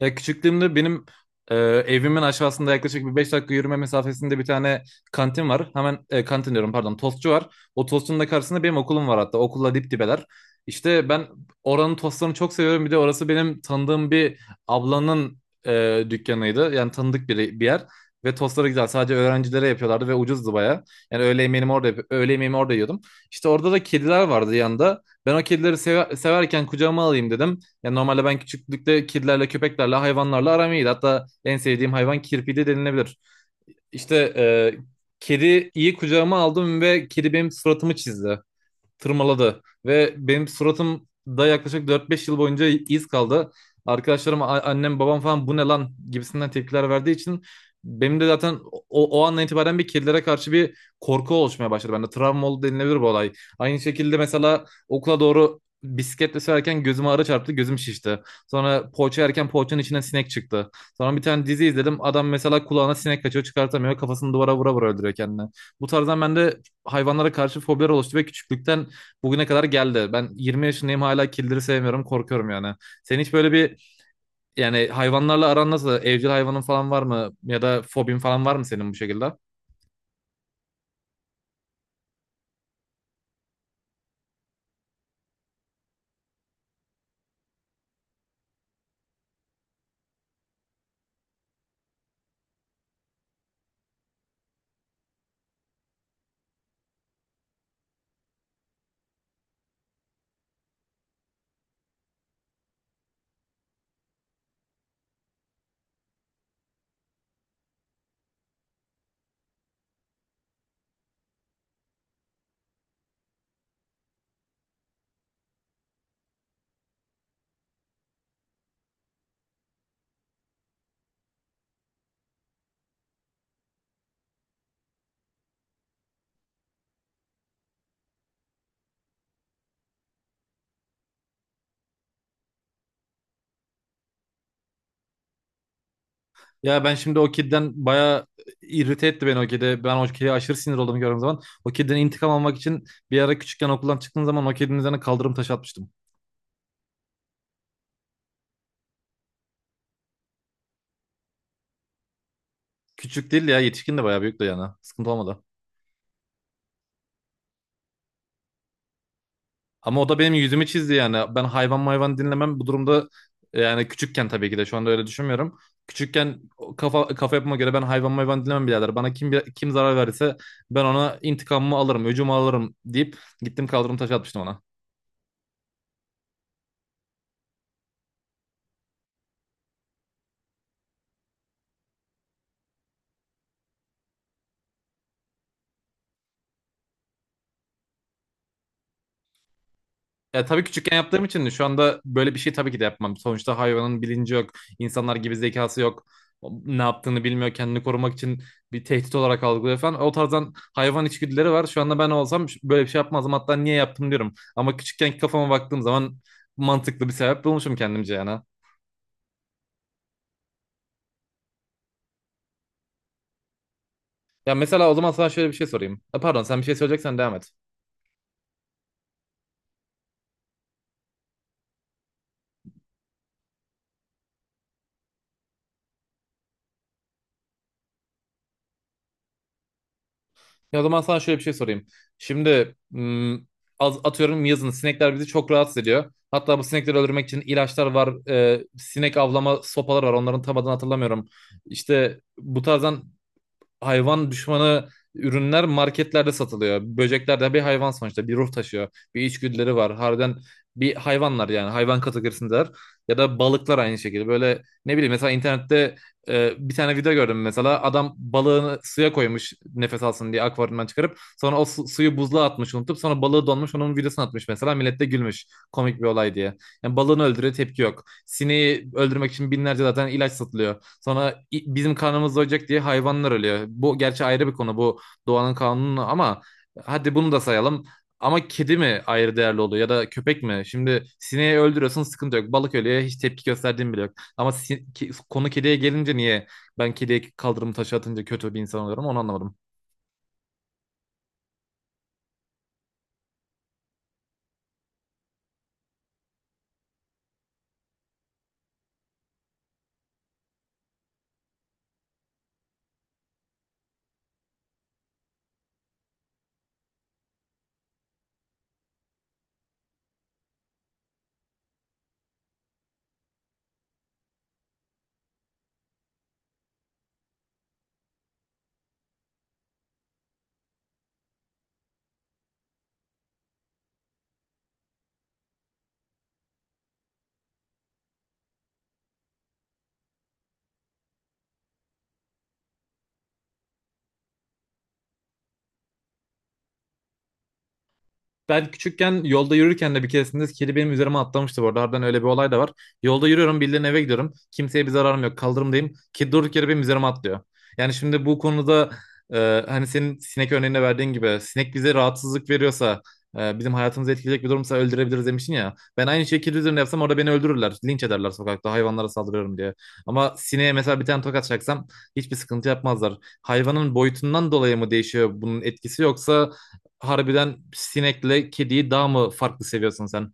Ya küçüklüğümde benim evimin aşağısında yaklaşık bir 5 dakika yürüme mesafesinde bir tane kantin var. Hemen kantin diyorum, pardon, tostçu var. O tostçunun da karşısında benim okulum var hatta. Okulla dip dibeler. İşte ben oranın tostlarını çok seviyorum. Bir de orası benim tanıdığım bir ablanın dükkanıydı. Yani tanıdık bir yer. Ve tostları güzel. Sadece öğrencilere yapıyorlardı ve ucuzdu baya. Yani öğle yemeğimi orada, öğle yemeğimi orada yiyordum. İşte orada da kediler vardı yanında. Ben o kedileri severken kucağıma alayım dedim. Yani normalde ben küçüklükte kedilerle, köpeklerle, hayvanlarla aram iyiydi. Hatta en sevdiğim hayvan kirpiydi denilebilir. İşte kedi iyi, kucağıma aldım ve kedi benim suratımı çizdi, tırmaladı. Ve benim suratımda yaklaşık 4-5 yıl boyunca iz kaldı. Arkadaşlarım, annem, babam falan bu ne lan gibisinden tepkiler verdiği için benim de zaten o andan itibaren bir kedilere karşı bir korku oluşmaya başladı bende. Travma oldu denilebilir bu olay. Aynı şekilde mesela okula doğru bisikletle sürerken gözüme arı çarptı, gözüm şişti. Sonra poğaça yerken poğaçanın içinden sinek çıktı. Sonra bir tane dizi izledim. Adam mesela kulağına sinek kaçıyor, çıkartamıyor. Kafasını duvara vura vura öldürüyor kendini. Bu tarzdan bende hayvanlara karşı fobiler oluştu ve küçüklükten bugüne kadar geldi. Ben 20 yaşındayım, hala kildiri sevmiyorum, korkuyorum yani. Senin hiç böyle bir, yani hayvanlarla aran nasıl? Evcil hayvanın falan var mı? Ya da fobin falan var mı senin bu şekilde? Ya ben şimdi o kediden baya irrite etti beni o kedi. Ben o kediye aşırı sinir olduğumu gördüğüm zaman. O kediden intikam almak için bir ara küçükken okuldan çıktığım zaman o kedinin üzerine kaldırım taşı atmıştım. Küçük değil ya, yetişkin de bayağı büyük de yani. Sıkıntı olmadı. Ama o da benim yüzümü çizdi yani. Ben hayvan mayvan dinlemem. Bu durumda yani küçükken, tabii ki de şu anda öyle düşünmüyorum. Küçükken o kafa kafa yapıma göre ben hayvan mayvan dinlemem birader. Bana kim, kim zarar verirse ben ona intikamımı alırım, öcümü alırım deyip gittim, kaldırım taşı atmıştım ona. Ya tabii küçükken yaptığım için şu anda böyle bir şey tabii ki de yapmam. Sonuçta hayvanın bilinci yok. İnsanlar gibi zekası yok. O ne yaptığını bilmiyor. Kendini korumak için bir tehdit olarak algılıyor falan. O tarzdan hayvan içgüdüleri var. Şu anda ben olsam böyle bir şey yapmazdım. Hatta niye yaptım diyorum. Ama küçükkenki kafama baktığım zaman mantıklı bir sebep bulmuşum kendimce yani. Ya mesela o zaman sana şöyle bir şey sorayım. Ha, pardon, sen bir şey söyleyeceksen devam et. Ya o zaman sana şöyle bir şey sorayım. Şimdi az atıyorum, yazın sinekler bizi çok rahatsız ediyor. Hatta bu sinekleri öldürmek için ilaçlar var. Sinek avlama sopalar var. Onların tam adını hatırlamıyorum. İşte bu tarzdan hayvan düşmanı ürünler marketlerde satılıyor. Böcekler de bir hayvan sonuçta. Bir ruh taşıyor. Bir içgüdüleri var. Harbiden bir hayvanlar yani. Hayvan kategorisindeler. Ya da balıklar aynı şekilde. Böyle ne bileyim, mesela internette bir tane video gördüm mesela. Adam balığını suya koymuş nefes alsın diye akvaryumdan çıkarıp. Sonra o suyu buzluğa atmış unutup. Sonra balığı donmuş, onun videosunu atmış mesela. Millet de gülmüş. Komik bir olay diye. Yani balığını öldürüyor, tepki yok. Sineği öldürmek için binlerce zaten ilaç satılıyor. Sonra bizim karnımız doyacak diye hayvanlar ölüyor. Bu gerçi ayrı bir konu, bu doğanın kanunu, ama hadi bunu da sayalım. Ama kedi mi ayrı değerli oluyor ya da köpek mi? Şimdi sineği öldürüyorsun, sıkıntı yok. Balık ölüyor, hiç tepki gösterdiğin bile yok. Ama konu kediye gelince niye ben kediye kaldırımı taşı atınca kötü bir insan oluyorum onu anlamadım. Ben küçükken yolda yürürken de bir keresinde kedi benim üzerime atlamıştı bu arada. Harbiden öyle bir olay da var. Yolda yürüyorum, birilerinin eve gidiyorum. Kimseye bir zararım yok. Kaldırımdayım. Kedi durduk yere benim üzerime atlıyor. Yani şimdi bu konuda, hani senin sinek örneğinde verdiğin gibi sinek bize rahatsızlık veriyorsa, bizim hayatımızı etkileyecek bir durumsa öldürebiliriz demiştin ya. Ben aynı şeyi kedi üzerine yapsam orada beni öldürürler. Linç ederler, sokakta hayvanlara saldırıyorum diye. Ama sineğe mesela bir tane tokat çaksam hiçbir sıkıntı yapmazlar. Hayvanın boyutundan dolayı mı değişiyor bunun etkisi, yoksa harbiden sinekle kediyi daha mı farklı seviyorsun sen?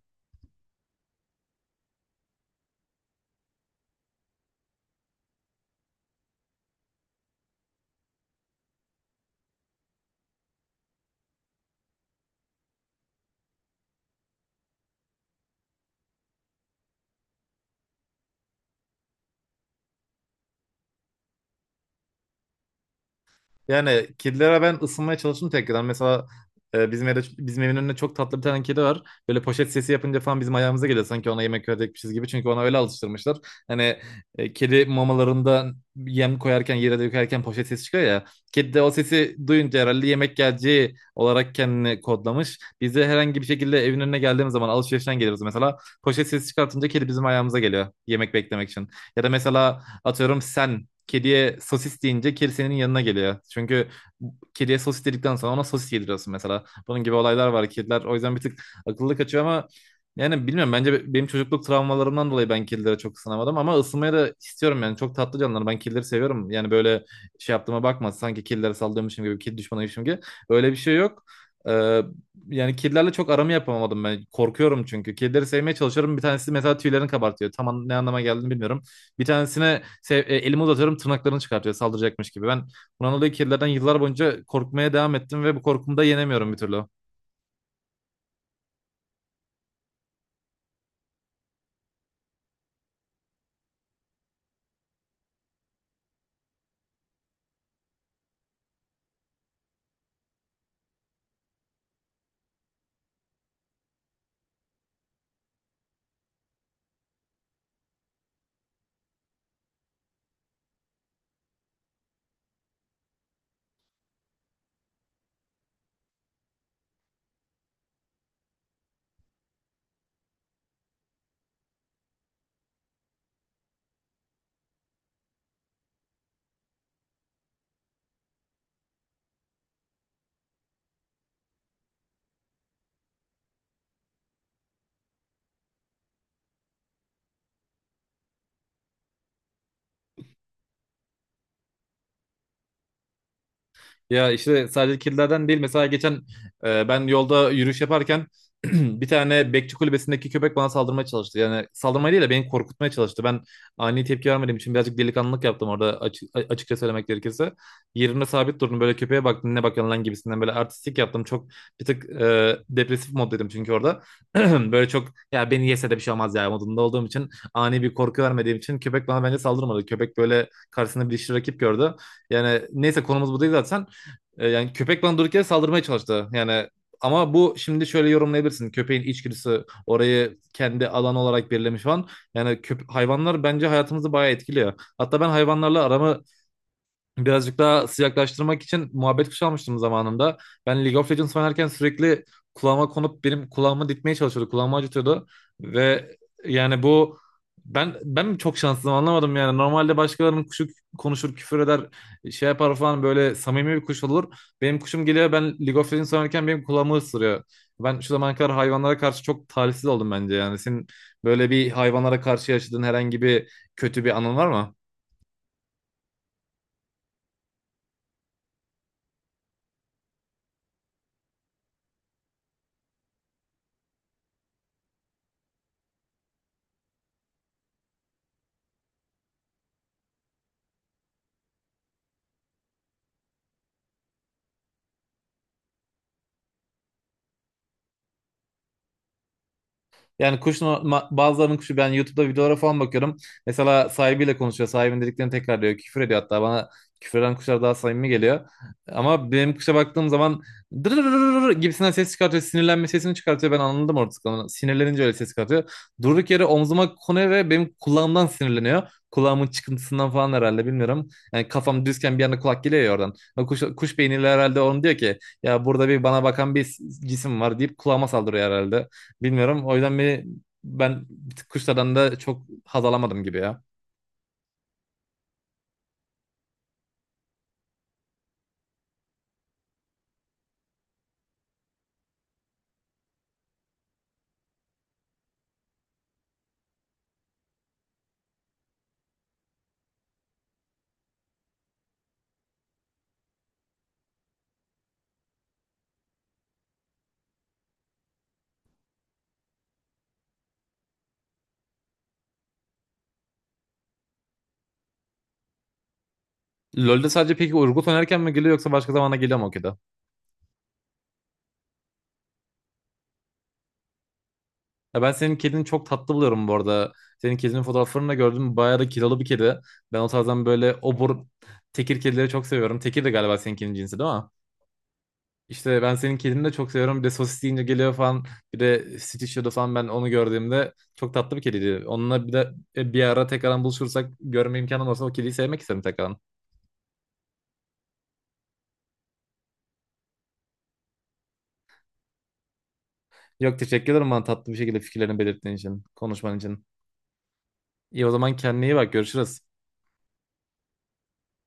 Yani kedilere ben ısınmaya çalıştım tekrardan. Mesela bizim evde, bizim evin önünde çok tatlı bir tane kedi var. Böyle poşet sesi yapınca falan bizim ayağımıza geliyor. Sanki ona yemek verecekmişiz gibi. Çünkü ona öyle alıştırmışlar. Hani kedi mamalarında yem koyarken, yere de dökerken poşet sesi çıkıyor ya. Kedi de o sesi duyunca herhalde yemek geleceği olarak kendini kodlamış. Biz de herhangi bir şekilde evin önüne geldiğimiz zaman alışverişten geliyoruz mesela. Poşet sesi çıkartınca kedi bizim ayağımıza geliyor yemek beklemek için. Ya da mesela atıyorum, sen kediye sosis deyince kedi senin yanına geliyor. Çünkü kediye sosis dedikten sonra ona sosis yediriyorsun mesela. Bunun gibi olaylar var kediler. O yüzden bir tık akıllı kaçıyor ama yani bilmiyorum, bence benim çocukluk travmalarımdan dolayı ben kedilere çok ısınamadım ama ısınmayı da istiyorum yani, çok tatlı canlılar, ben kedileri seviyorum yani. Böyle şey yaptığıma bakma, sanki kedilere saldırmışım gibi, kedi düşmanıymışım gibi, öyle bir şey yok. Ee, Yani kedilerle çok aramı yapamadım ben. Korkuyorum çünkü. Kedileri sevmeye çalışıyorum. Bir tanesi mesela tüylerini kabartıyor. Tam ne anlama geldiğini bilmiyorum. Bir tanesine elimi uzatıyorum, tırnaklarını çıkartıyor saldıracakmış gibi. Ben bundan dolayı kedilerden yıllar boyunca korkmaya devam ettim ve bu korkumu da yenemiyorum bir türlü. Ya işte sadece kirlilerden değil. Mesela geçen ben yolda yürüyüş yaparken bir tane bekçi kulübesindeki köpek bana saldırmaya çalıştı. Yani saldırmaya değil de beni korkutmaya çalıştı. Ben ani tepki vermediğim için birazcık delikanlılık yaptım orada açıkça söylemek gerekirse. Yerine sabit durdum, böyle köpeğe baktım, ne bakıyorsun lan gibisinden böyle artistik yaptım. Çok bir tık depresif moddaydım çünkü orada. Böyle çok ya, beni yese de bir şey olmaz ya modunda olduğum için, ani bir korku vermediğim için köpek bana bence saldırmadı. Köpek böyle karşısında bir dişli rakip gördü. Yani neyse, konumuz bu değil zaten. Yani köpek bana durduk yere saldırmaya çalıştı. Yani ama bu şimdi şöyle yorumlayabilirsin. Köpeğin içgüdüsü orayı kendi alan olarak belirlemiş falan. Yani hayvanlar bence hayatımızı bayağı etkiliyor. Hatta ben hayvanlarla aramı birazcık daha sıcaklaştırmak için muhabbet kuşu almıştım zamanında. Ben League of Legends oynarken sürekli kulağıma konup benim kulağımı dikmeye çalışıyordu. Kulağımı acıtıyordu. Ve yani bu, ben mi çok şanslıyım anlamadım yani. Normalde başkalarının kuşu konuşur, küfür eder, şey yapar falan, böyle samimi bir kuş olur. Benim kuşum geliyor, ben League of Legends oynarken benim kulağımı ısırıyor. Ben şu zamana kadar hayvanlara karşı çok talihsiz oldum bence yani. Senin böyle bir, hayvanlara karşı yaşadığın herhangi bir kötü bir anın var mı? Yani kuşun bazılarının kuşu, ben YouTube'da videolara falan bakıyorum. Mesela sahibiyle konuşuyor. Sahibinin dediklerini tekrar diyor. Küfür ediyor hatta, bana küfreden kuşlar daha samimi geliyor. Ama benim kuşa baktığım zaman dırırırır gibisinden ses çıkartıyor. Sinirlenme sesini çıkartıyor. Ben anladım artık onu. Sinirlenince öyle ses çıkartıyor. Durduk yere omzuma konuyor ve benim kulağımdan sinirleniyor. Kulağımın çıkıntısından falan herhalde, bilmiyorum. Yani kafam düzken bir anda kulak geliyor ya oradan. O kuş, kuş beyniyle herhalde onu diyor ki, ya burada bir, bana bakan bir cisim var deyip kulağıma saldırıyor herhalde. Bilmiyorum. O yüzden beni, bir tık kuşlardan da çok haz alamadım gibi ya. LoL'de sadece peki Urgot oynarken mi geliyor yoksa başka zamana geliyor mu o kedi? Ya ben senin kedini çok tatlı buluyorum bu arada. Senin kedinin fotoğraflarını da gördüm. Bayağı da kilolu bir kedi. Ben o tarzdan böyle obur tekir kedileri çok seviyorum. Tekir de galiba senin kedinin cinsi değil mi? İşte ben senin kedini de çok seviyorum. Bir de sosis deyince geliyor falan. Bir de Stitcher'da falan ben onu gördüğümde çok tatlı bir kediydi. Onunla bir de bir ara tekrardan buluşursak, görme imkanım olsa o kediyi sevmek isterim tekrardan. Yok, teşekkür ederim bana tatlı bir şekilde fikirlerini belirttiğin için, konuşman için. İyi, o zaman kendine iyi bak, görüşürüz.